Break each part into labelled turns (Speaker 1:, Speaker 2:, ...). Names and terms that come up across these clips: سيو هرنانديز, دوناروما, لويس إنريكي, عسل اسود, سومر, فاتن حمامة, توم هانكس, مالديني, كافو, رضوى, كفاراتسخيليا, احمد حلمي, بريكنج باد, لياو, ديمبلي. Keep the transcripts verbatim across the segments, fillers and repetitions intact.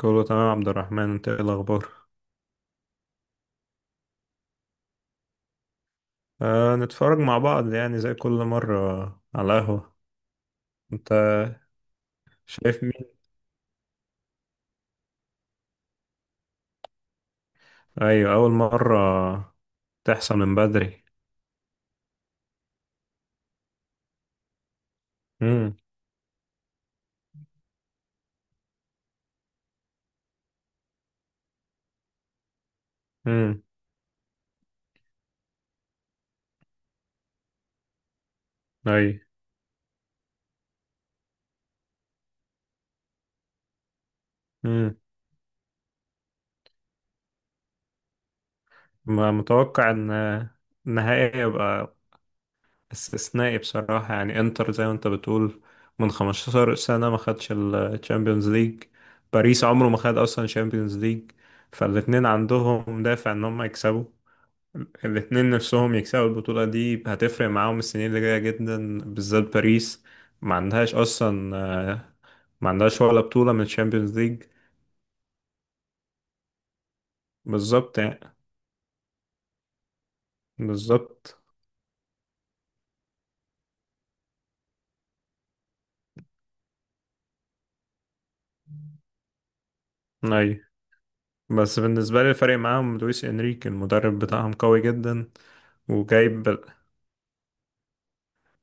Speaker 1: كله تمام يا عبد الرحمن، انت ايه الاخبار؟ آه، نتفرج مع بعض يعني زي كل مرة على القهوة. انت، شايف مين؟ ايوه، اول مرة. تحصل من بدري. امم. امم. ايوه. امم. ما متوقع ان النهائي يبقى استثنائي بصراحة، يعني انتر زي ما انت بتقول من خمسة عشر سنة ما خدش الشامبيونز ليج. باريس عمره ما خد اصلا شامبيونز ليج. فالاتنين عندهم دافع ان هم يكسبوا. الاتنين نفسهم يكسبوا البطولة دي، هتفرق معاهم السنين اللي جاية جدا بالذات باريس. ما عندهاش أصلا، ما عندهاش ولا بطولة من الشامبيونز ليج. بالظبط يعني. بالظبط. أي. بس بالنسبة لي الفرق معاهم لويس إنريكي المدرب بتاعهم قوي جدا. وجايب ال-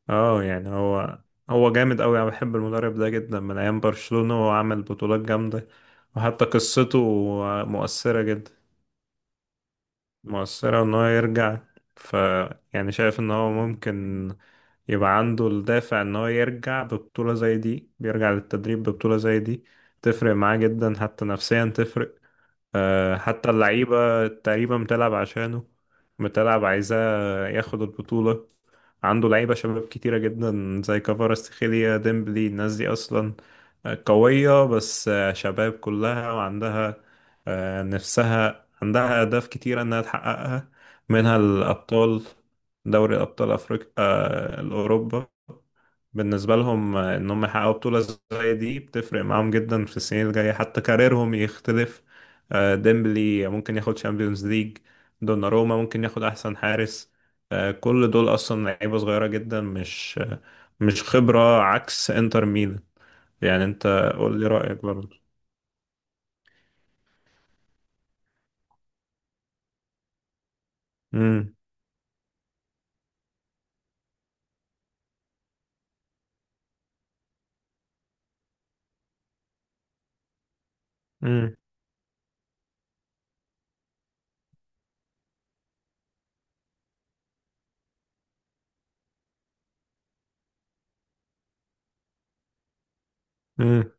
Speaker 1: اه يعني هو هو جامد قوي. انا بحب المدرب ده جدا من ايام برشلونة، وهو عامل بطولات جامدة. وحتى قصته مؤثرة جدا. مؤثرة إن هو يرجع. ف يعني شايف إن هو ممكن يبقى عنده الدافع إن هو يرجع ببطولة زي دي، بيرجع للتدريب ببطولة زي دي تفرق معاه جدا، حتى نفسيا تفرق. آه، حتى اللعيبة تقريبا بتلعب عشانه، بتلعب عايزاه ياخد البطولة. عنده لعيبة شباب كتيرة جدا زي كفاراتسخيليا ديمبلي، الناس دي أصلا آه، قوية، بس آه، شباب كلها وعندها آه، نفسها، عندها أهداف كتيرة إنها تحققها. منها الأبطال. دوري أبطال أفريقيا. أوروبا. بالنسبة لهم آه، إنهم يحققوا بطولة زي دي، بتفرق معاهم جدا في السنين الجاية حتى كاريرهم يختلف. آه، ديمبلي ممكن ياخد شامبيونز ليج. دوناروما ممكن ياخد احسن حارس. آه، كل دول اصلا لعيبه صغيره جدا، مش آه، مش خبره عكس انتر ميلان. يعني انت، قول لي رايك برضه. امم. امم. امم.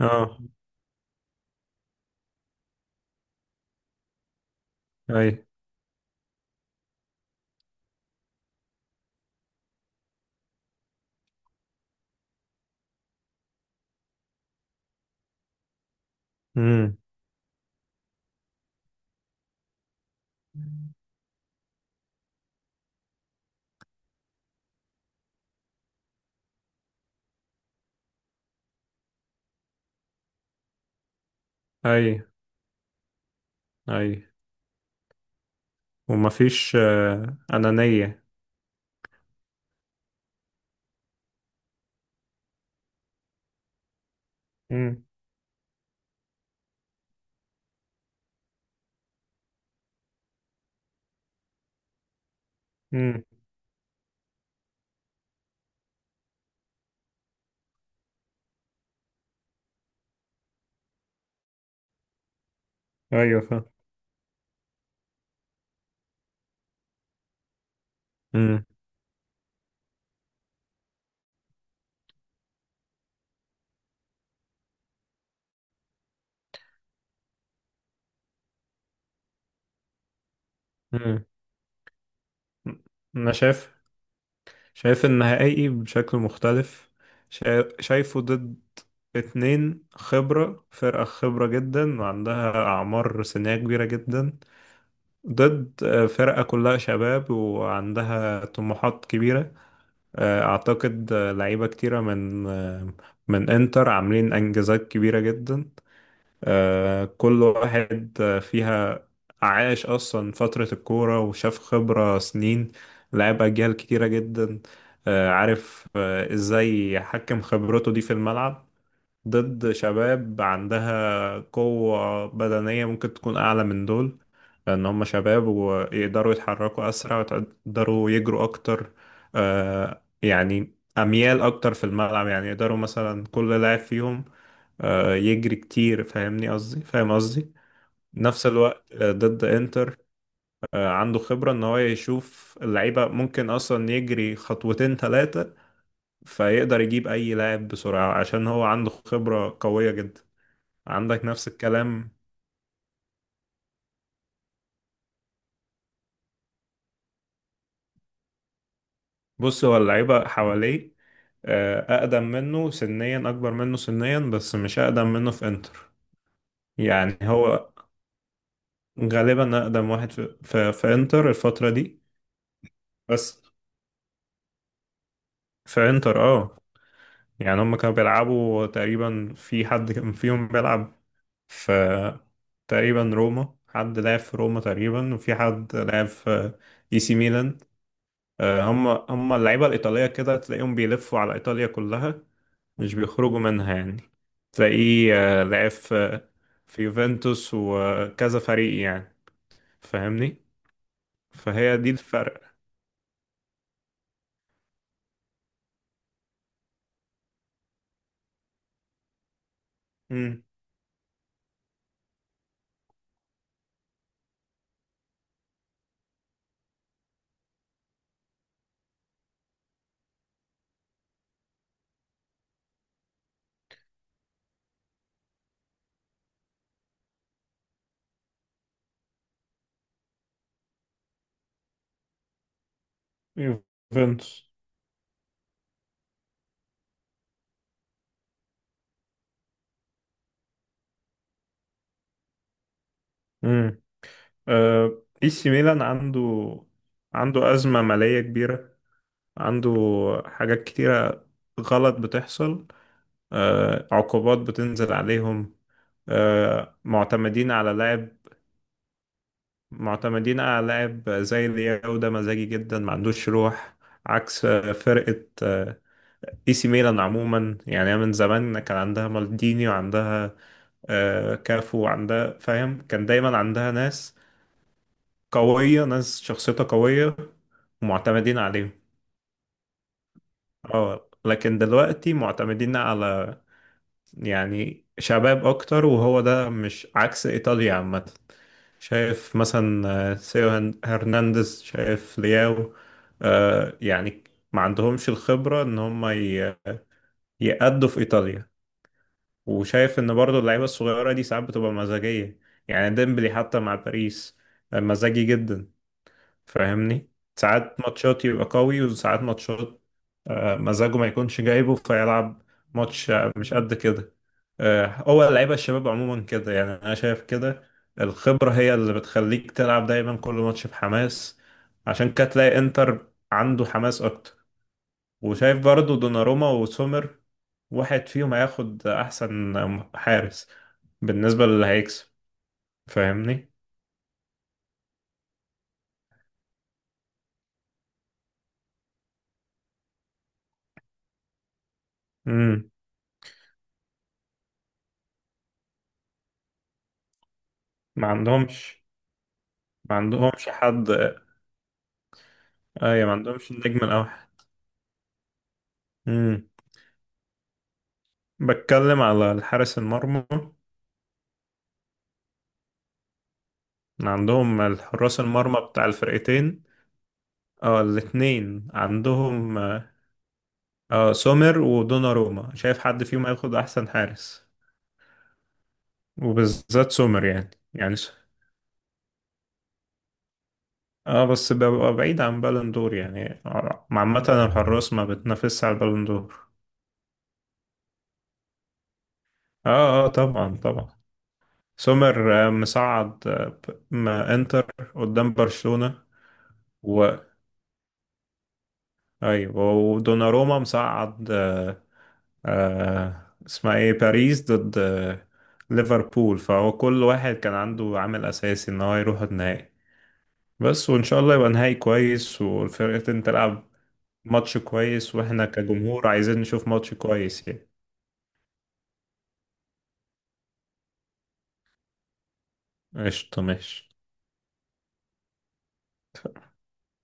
Speaker 1: اه. اي. امم. اي. اي، ومفيش آه، انانيه. امم. امم. ايوه، فاهم. امم. امم. انا شايف شايف النهائي بشكل مختلف. شا- شايفه ضد اتنين خبرة، فرقة خبرة جدا وعندها أعمار سنية كبيرة جدا. ضد آه، فرقة كلها شباب وعندها طموحات كبيرة. آه، أعتقد آه، لعيبة كتيرة من آه، من إنتر عاملين إنجازات كبيرة جدا. آه، كل واحد آه، فيها عاش أصلا فترة الكورة، وشاف خبرة سنين، لعب أجيال كتيرة جدا. آه، عارف آه، إزاي يحكم خبرته دي في الملعب. ضد شباب عندها قوة بدنية ممكن تكون أعلى من دول، لأن هم شباب ويقدروا يتحركوا أسرع ويقدروا يجروا أكتر. آه، يعني أميال أكتر في الملعب، يعني يقدروا مثلا كل لاعب فيهم آه، يجري كتير. فاهمني قصدي، فاهم قصدي. نفس الوقت آه، ضد انتر آه، عنده خبرة ان هو يشوف اللعيبة ممكن اصلا يجري خطوتين ثلاثة، فيقدر يجيب اي لاعب بسرعة عشان هو عنده خبرة قوية جدا. عندك نفس الكلام. بص هو اللعيبة حواليه آه، اقدم منه سنيا، اكبر منه سنيا، بس مش اقدم منه في انتر. يعني هو غالبا اقدم واحد في, في, في انتر الفترة دي. بس في انتر، اه. يعني هم كانوا بيلعبوا تقريبا، في حد كان فيهم بيلعب في تقريبا روما، حد لعب في روما تقريبا، وفي حد لعب في اي سي ميلان. آه، هم هم اللعيبة الإيطالية كده تلاقيهم بيلفوا على إيطاليا كلها، مش بيخرجوا منها يعني. تلاقيه آه، لعب في في يوفنتوس وكذا فريق يعني. فاهمني. فهي دي الفرق. مم. يوفنتوس. امم. اي سي ميلان عنده عنده أزمة مالية كبيرة. عنده حاجات كتيرة غلط بتحصل. آه، عقوبات بتنزل عليهم. آه، معتمدين على لاعب، معتمدين على لاعب زي لياو ده مزاجي جدا ما عندوش روح. عكس آه، فرقة آه، اي سي ميلان عموما. يعني هي من زمان كان عندها مالديني، وعندها آه، كافو، وعندها فاهم، كان دايما عندها ناس قوية، ناس شخصيتها قوية ومعتمدين عليهم. اه، لكن دلوقتي معتمدين على يعني شباب اكتر، وهو ده مش عكس ايطاليا عامة. شايف مثلا آه، سيو هن- هرنانديز، شايف لياو. آه، يعني ما عندهمش الخبرة ان هم ي- يأدوا في ايطاليا. وشايف ان برضو اللعيبة الصغيرة دي ساعات بتبقى مزاجية، يعني ديمبلي حتى مع باريس آه، مزاجي جدا. فاهمني. ساعات ماتشات يبقى قوي، وساعات ماتشات آه، مزاجه ما يكونش جايبه، فيلعب ماتش آه، مش قد كده. آه، هو اللعيبة الشباب عموما كده، يعني أنا شايف كده. الخبرة هي اللي بتخليك تلعب دايما كل ماتش بحماس، عشان كده تلاقي إنتر عنده حماس أكتر. وشايف برضو دوناروما وسومر، واحد فيهم هياخد أحسن حارس بالنسبة للي هيكسب. فاهمني؟ مم. ما عندهمش ما عندهمش حد. أي، ما عندهمش النجم الأوحد. مم. بتكلم على الحارس المرمى، عندهم الحراس المرمى بتاع الفرقتين. اه، الاتنين عندهم اه آه، سومر ودوناروما، شايف حد فيهم هياخد احسن حارس وبالذات سومر. يعني يعني س- اه، بس ببقى بعيد عن بالون دور يعني. آه، عامة الحراس ما بتنافسش على البالون دور. اه، اه، طبعا، طبعا. سومر آه، مصعد آه، ب- ما انتر قدام برشلونة، و ايوه، ودوناروما مصعد اه، آه اسمها ايه باريس ضد آه ليفربول. فهو كل واحد كان عنده عامل اساسي ان هو يروح النهائي. بس، وان شاء الله يبقى نهائي كويس والفرقتين تلعب ماتش كويس، واحنا كجمهور عايزين نشوف ماتش كويس يعني. قشطة، ماشي.